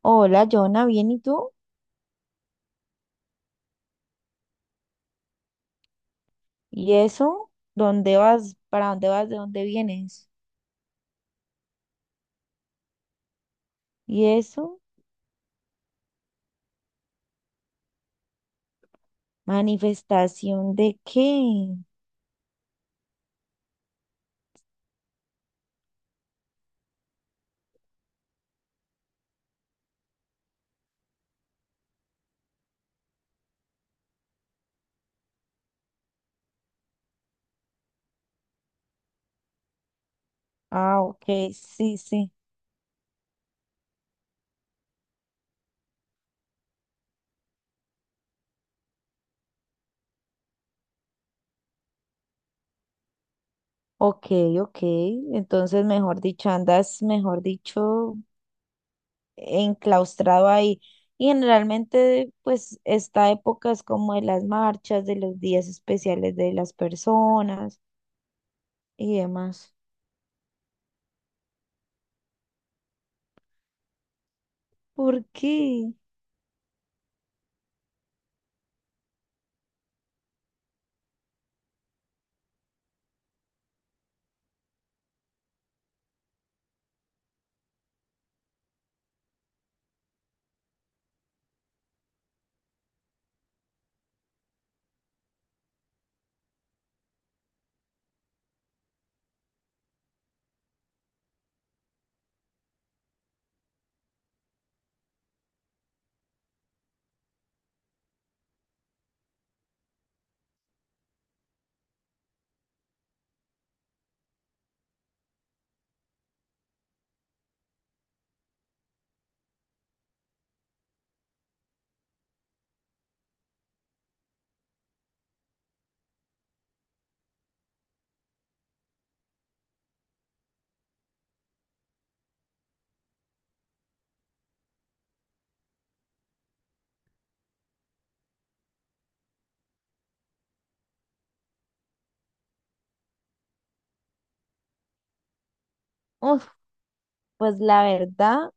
Hola, Jonah, ¿bien y tú? ¿Y eso? ¿Dónde vas? ¿Para dónde vas? ¿De dónde vienes? ¿Y eso? ¿Manifestación de qué? Ah, ok, sí, sí. Ok, ok. Entonces, mejor dicho, andas, mejor dicho, enclaustrado ahí. Y generalmente, pues, esta época es como de las marchas, de los días especiales de las personas y demás. ¿Por qué? Uf, pues la verdad.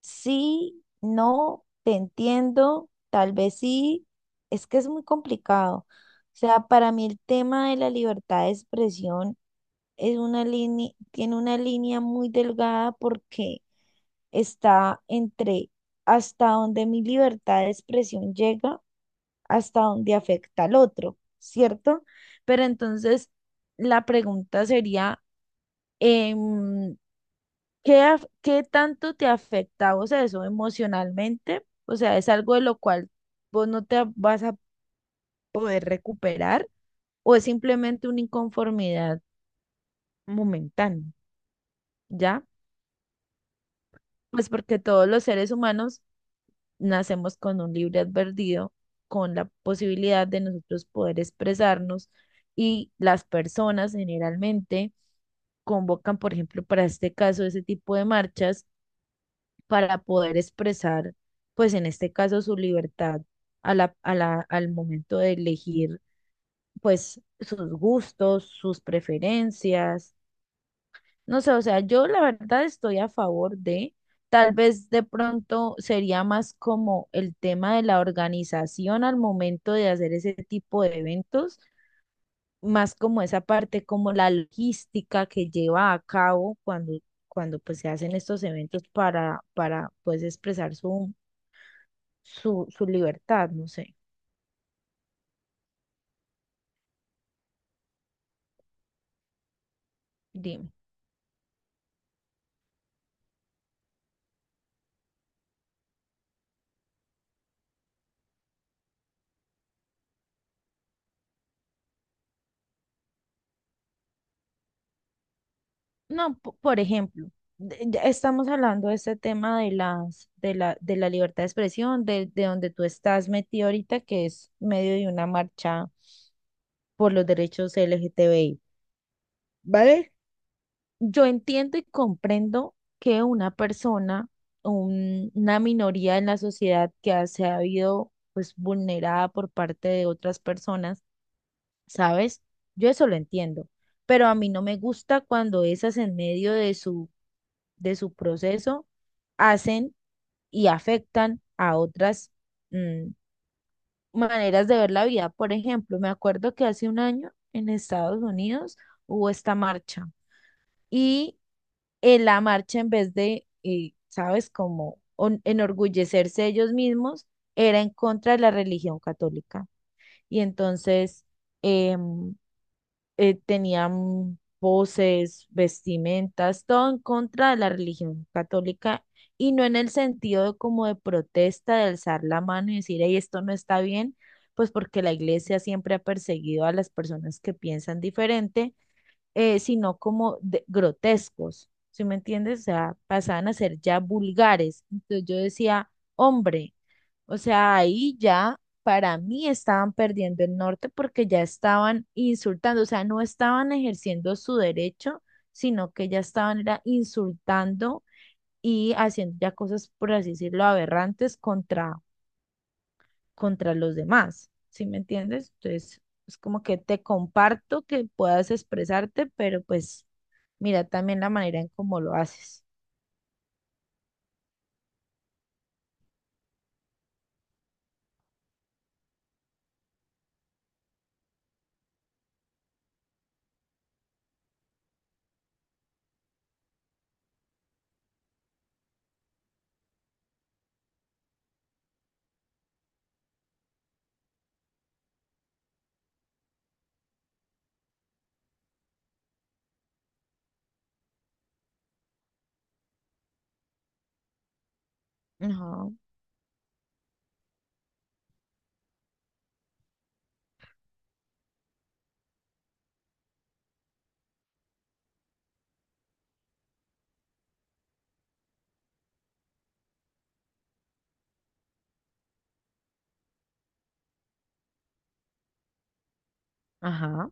Sí, no, te entiendo, tal vez sí, es que es muy complicado. O sea, para mí el tema de la libertad de expresión es una línea, tiene una línea muy delgada porque está entre hasta donde mi libertad de expresión llega, hasta donde afecta al otro, ¿cierto? Pero entonces la pregunta sería, em, ¿qué, qué tanto te afecta a vos eso emocionalmente? O sea, ¿es algo de lo cual vos no te vas a poder recuperar o es simplemente una inconformidad momentánea? ¿Ya? Pues porque todos los seres humanos nacemos con un libre advertido, con la posibilidad de nosotros poder expresarnos y las personas generalmente convocan, por ejemplo, para este caso, ese tipo de marchas para poder expresar, pues en este caso, su libertad al momento de elegir, pues sus gustos, sus preferencias. No sé, o sea, yo la verdad estoy a favor de, tal vez de pronto sería más como el tema de la organización al momento de hacer ese tipo de eventos, más como esa parte, como la logística que lleva a cabo cuando pues se hacen estos eventos para pues expresar su, su, su libertad, no sé, dime. No, por ejemplo, ya estamos hablando de este tema de la libertad de expresión, de donde tú estás metido ahorita, que es medio de una marcha por los derechos LGTBI, ¿vale? Yo entiendo y comprendo que una persona, una minoría en la sociedad que se ha habido pues vulnerada por parte de otras personas, ¿sabes? Yo eso lo entiendo, pero a mí no me gusta cuando esas en medio de su proceso hacen y afectan a otras mm, maneras de ver la vida. Por ejemplo, me acuerdo que hace un año en Estados Unidos hubo esta marcha y en la marcha en vez de, ¿sabes?, como enorgullecerse ellos mismos, era en contra de la religión católica. Y entonces em, tenían voces, vestimentas, todo en contra de la religión católica y no en el sentido de como de protesta, de alzar la mano y decir, hey, esto no está bien, pues porque la iglesia siempre ha perseguido a las personas que piensan diferente, sino como grotescos, ¿sí me entiendes? O sea, pasaban a ser ya vulgares. Entonces yo decía, hombre. O sea, ahí ya para mí estaban perdiendo el norte porque ya estaban insultando, o sea, no estaban ejerciendo su derecho, sino que ya estaban era insultando y haciendo ya cosas, por así decirlo, aberrantes contra, contra los demás. ¿Sí me entiendes? Entonces, es como que te comparto que puedas expresarte, pero pues mira también la manera en cómo lo haces. Ajá, ajá.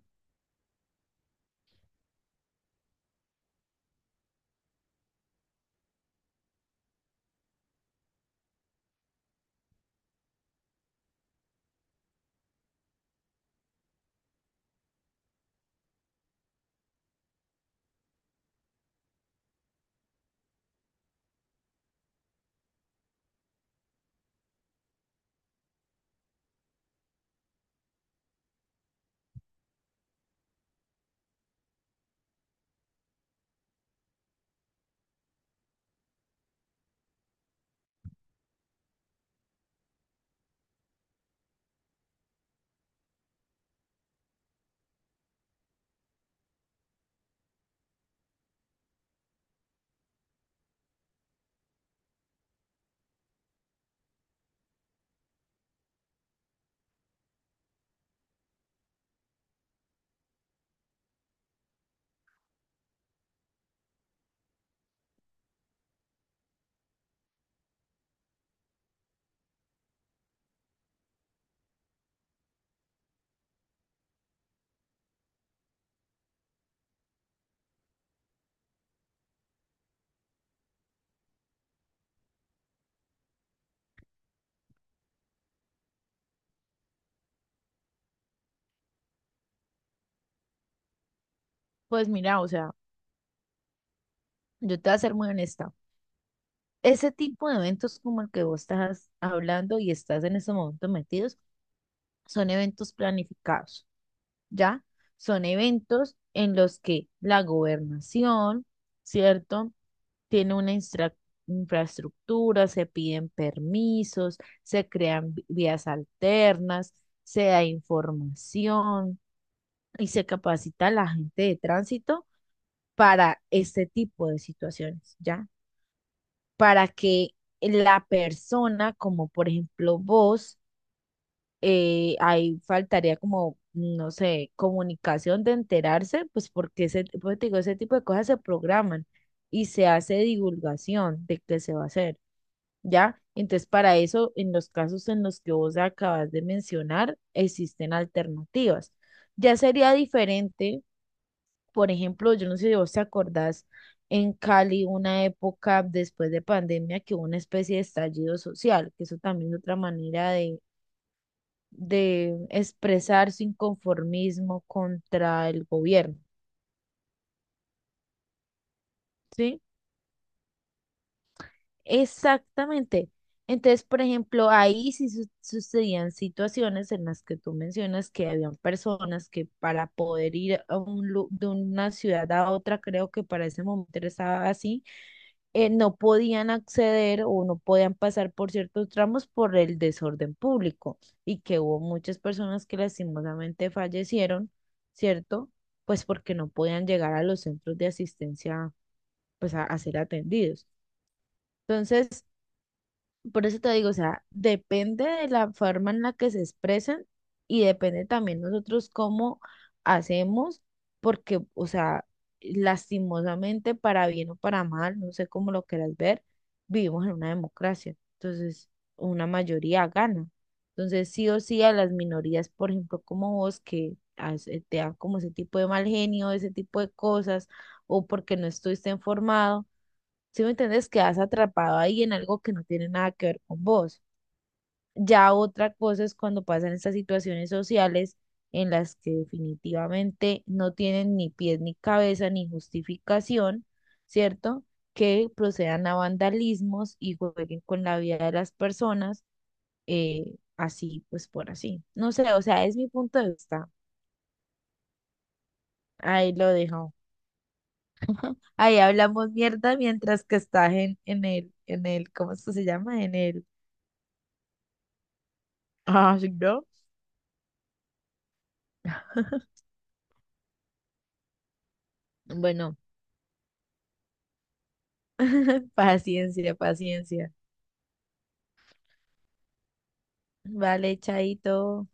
Pues mira, o sea, yo te voy a ser muy honesta. Ese tipo de eventos como el que vos estás hablando y estás en ese momento metidos, son eventos planificados, ¿ya? Son eventos en los que la gobernación, ¿cierto? Tiene una infraestructura, se piden permisos, se crean vías alternas, se da información y se capacita a la gente de tránsito para este tipo de situaciones, ¿ya? Para que la persona, como por ejemplo vos, ahí faltaría como, no sé, comunicación de enterarse, pues porque ese, pues te digo, ese tipo de cosas se programan y se hace divulgación de qué se va a hacer, ¿ya? Entonces, para eso, en los casos en los que vos acabas de mencionar, existen alternativas. Ya sería diferente, por ejemplo, yo no sé si vos te acordás en Cali una época después de pandemia que hubo una especie de estallido social, que eso también es otra manera de expresar su inconformismo contra el gobierno, ¿sí? Exactamente. Entonces, por ejemplo, ahí sí sucedían situaciones en las que tú mencionas que habían personas que para poder ir a un, de una ciudad a otra, creo que para ese momento estaba así, no podían acceder o no podían pasar por ciertos tramos por el desorden público y que hubo muchas personas que lastimosamente fallecieron, ¿cierto? Pues porque no podían llegar a los centros de asistencia, pues a ser atendidos. Entonces, por eso te digo, o sea, depende de la forma en la que se expresan y depende también nosotros cómo hacemos, porque, o sea, lastimosamente, para bien o para mal, no sé cómo lo quieras ver, vivimos en una democracia. Entonces, una mayoría gana. Entonces, sí o sí a las minorías, por ejemplo, como vos, que te dan como ese tipo de mal genio, ese tipo de cosas, o porque no estuviste informado, si me entiendes, quedas atrapado ahí en algo que no tiene nada que ver con vos. Ya otra cosa es cuando pasan estas situaciones sociales en las que definitivamente no tienen ni pies ni cabeza ni justificación, ¿cierto? Que procedan a vandalismos y jueguen con la vida de las personas, así pues por así. No sé, o sea, es mi punto de vista. Ahí lo dejo. Ahí hablamos mierda mientras que estás en el, ¿cómo es que se llama? En el... Ah, sí, ¿no? Bueno, paciencia, paciencia. Vale, chaito.